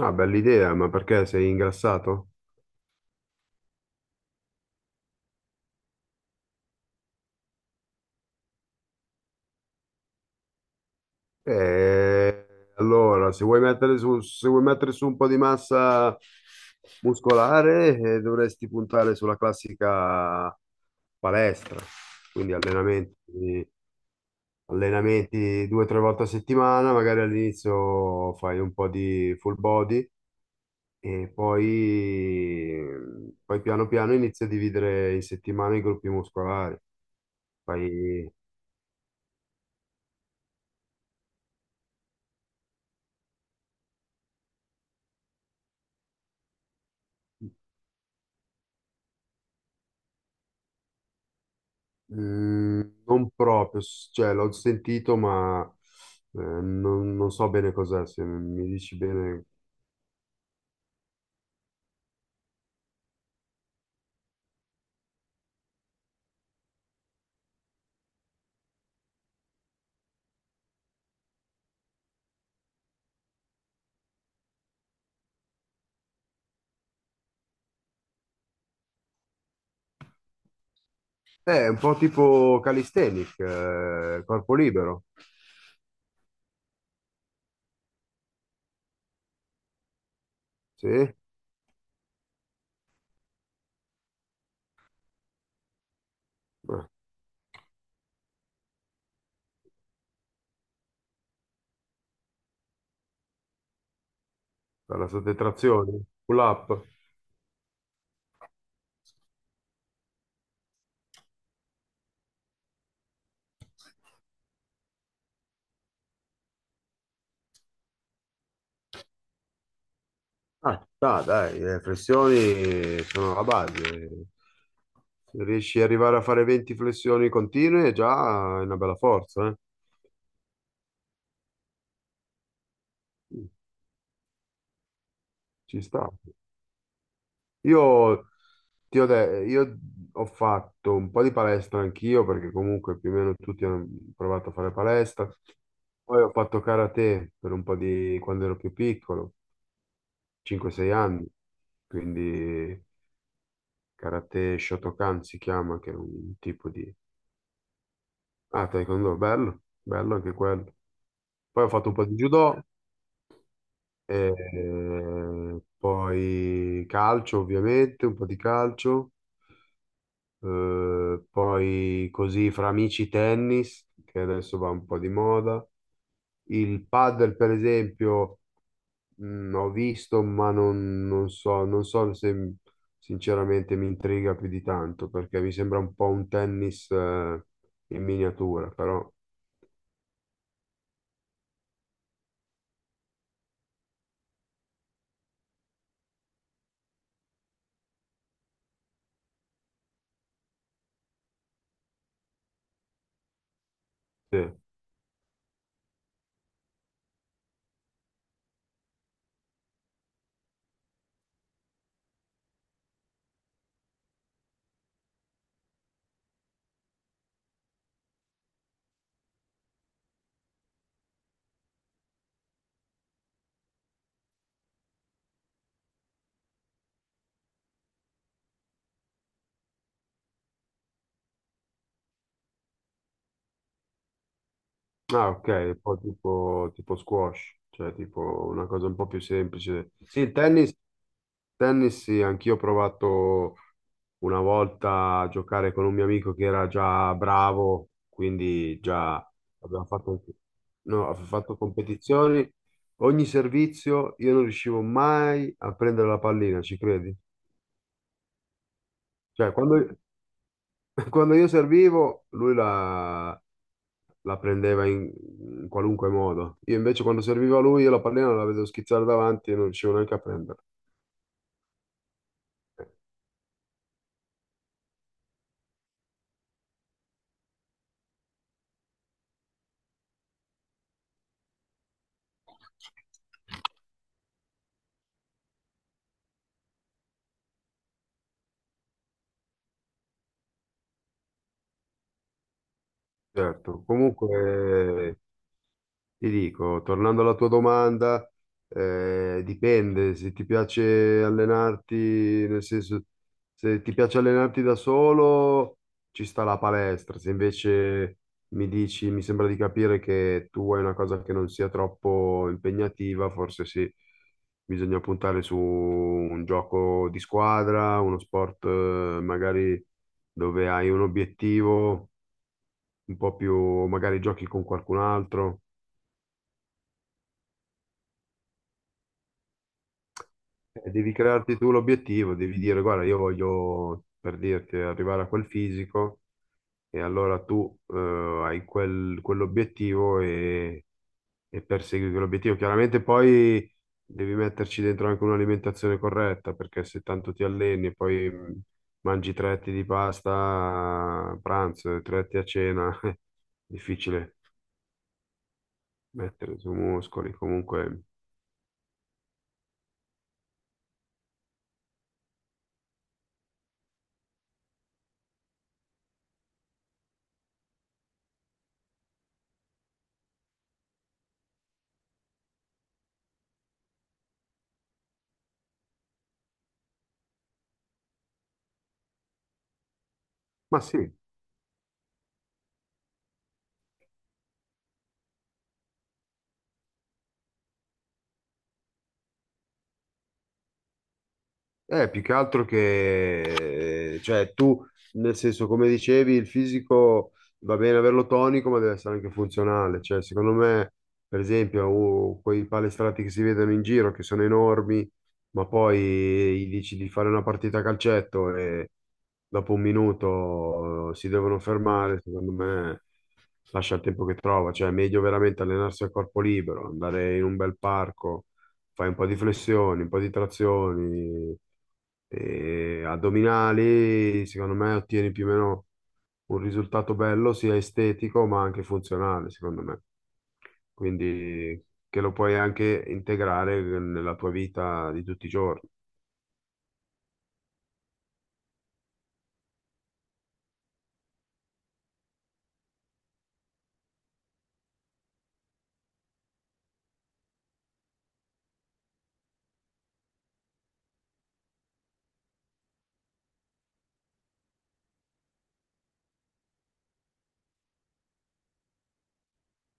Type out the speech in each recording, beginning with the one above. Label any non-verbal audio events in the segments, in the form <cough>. Ah, bella idea, ma perché sei ingrassato? Eh, allora, se vuoi mettere su un po' di massa muscolare, dovresti puntare sulla classica palestra. Quindi allenamenti due o tre volte a settimana, magari all'inizio fai un po' di full body e poi piano piano inizi a dividere in settimana i gruppi muscolari. Fai mm, non proprio, cioè l'ho sentito, ma non so bene cos'è, se mi dici bene. È un po' tipo calisthenic, corpo libero, sì? Per la sottrazione, pull up. Ah, no, dai, le flessioni sono la base. Se riesci ad arrivare a fare 20 flessioni continue, già è una bella forza, eh? Mm, ci sta. Io, io ho fatto un po' di palestra anch'io, perché comunque più o meno tutti hanno provato a fare palestra. Poi ho fatto karate per un po' di quando ero più piccolo, 5-6 anni, quindi karate Shotokan si chiama, che è un tipo di... Ah, taekwondo, bello, bello anche quello. Poi ho fatto un po' di judo, e poi calcio ovviamente, un po' di calcio. Poi così fra amici tennis, che adesso va un po' di moda. Il padel, per esempio, ho visto, ma non so, non so se sinceramente mi intriga più di tanto, perché mi sembra un po' un tennis, in miniatura, però sì. Ah, ok, e poi tipo squash, cioè tipo una cosa un po' più semplice. Sì, il tennis. Tennis, sì, anch'io ho provato una volta a giocare con un mio amico che era già bravo, quindi già abbiamo fatto, anche- no, ho fatto competizioni. Ogni servizio io non riuscivo mai a prendere la pallina, ci credi? Cioè, quando, <laughs> quando io servivo, la prendeva in qualunque modo. Io invece quando servivo a lui, io la pallina la vedevo schizzare davanti e non riuscivo neanche a prenderla. Eh, Certo, comunque ti dico, tornando alla tua domanda, dipende se ti piace allenarti, nel senso, se ti piace allenarti da solo, ci sta la palestra, se invece mi dici, mi sembra di capire che tu vuoi una cosa che non sia troppo impegnativa, forse sì, bisogna puntare su un gioco di squadra, uno sport, magari dove hai un obiettivo, un po' più, magari giochi con qualcun altro. Devi crearti tu l'obiettivo, devi dire, guarda, io voglio, per dirti, arrivare a quel fisico e allora tu hai quell'obiettivo e persegui quell'obiettivo. Chiaramente poi devi metterci dentro anche un'alimentazione corretta, perché se tanto ti alleni e poi mangi 3 etti di pasta a pranzo e 3 etti a cena, <laughs> è difficile mettere su muscoli comunque. Ma sì. Più che altro cioè, tu, nel senso, come dicevi, il fisico va bene averlo tonico, ma deve essere anche funzionale. Cioè, secondo me, per esempio, quei palestrati che si vedono in giro, che sono enormi, ma poi gli dici di fare una partita a calcetto e dopo un minuto si devono fermare, secondo me lascia il tempo che trova. Cioè, è meglio veramente allenarsi a corpo libero, andare in un bel parco, fai un po' di flessioni, un po' di trazioni, e addominali, secondo me ottieni più o meno un risultato bello, sia estetico ma anche funzionale, secondo me. Quindi che lo puoi anche integrare nella tua vita di tutti i giorni.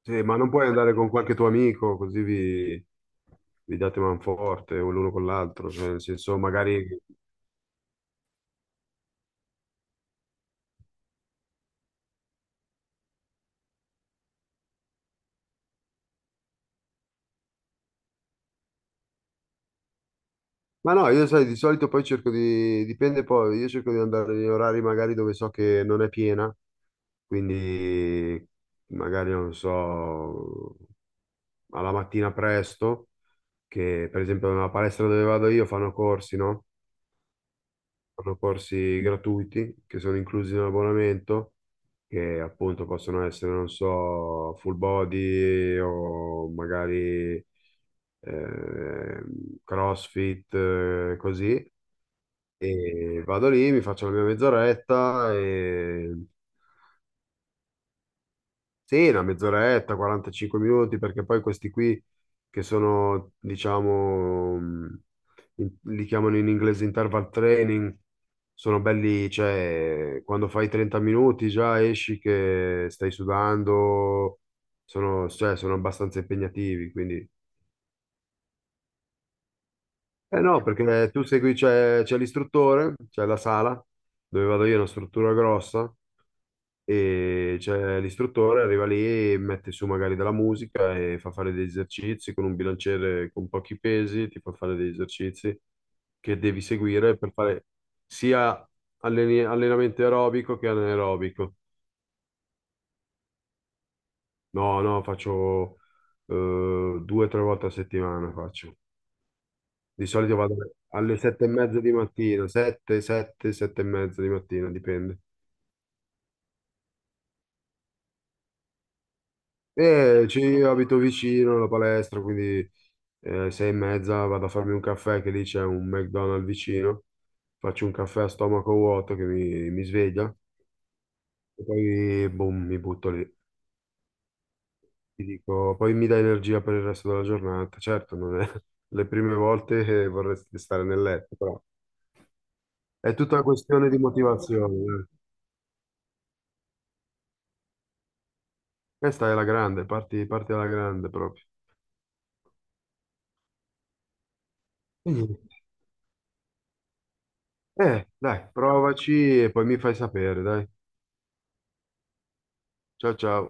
Sì, ma non puoi andare con qualche tuo amico, così vi date manforte o l'uno con l'altro, cioè, nel senso magari... Ma no, io sai, di solito poi cerco di, dipende poi, io cerco di andare in orari magari dove so che non è piena, quindi magari non so, alla mattina presto, che per esempio nella palestra dove vado io fanno corsi, no? Fanno corsi gratuiti che sono inclusi nell'abbonamento, che appunto possono essere, non so, full body o magari eh, CrossFit, così. E vado lì, mi faccio la mia mezz'oretta, e... sì, una mezz'oretta, 45 minuti, perché poi questi qui che sono, diciamo, li chiamano in inglese interval training, sono belli, cioè, quando fai 30 minuti già esci che stai sudando, sono, cioè, sono abbastanza impegnativi, quindi... Eh no, perché tu segui, c'è l'istruttore, c'è la sala, dove vado io, è una struttura grossa, e c'è l'istruttore, arriva lì, mette su magari della musica e fa fare degli esercizi con un bilanciere con pochi pesi, ti fa fare degli esercizi che devi seguire per fare sia allenamento aerobico che anaerobico. No, no, faccio 2 o 3 volte a settimana faccio. Di solito vado alle 7:30 di mattina, 7:30 di mattina, dipende. Ci io abito vicino alla palestra, quindi 6:30 vado a farmi un caffè, che lì c'è un McDonald's vicino, faccio un caffè a stomaco vuoto che mi sveglia e poi boom, mi butto lì. Ti dico, poi mi dà energia per il resto della giornata. Certo, non è <laughs> le prime volte che vorresti stare nel letto, però è tutta una questione di motivazione. Eh. Questa è la grande, parti alla grande proprio. Quindi, eh, dai, provaci e poi mi fai sapere, dai. Ciao ciao.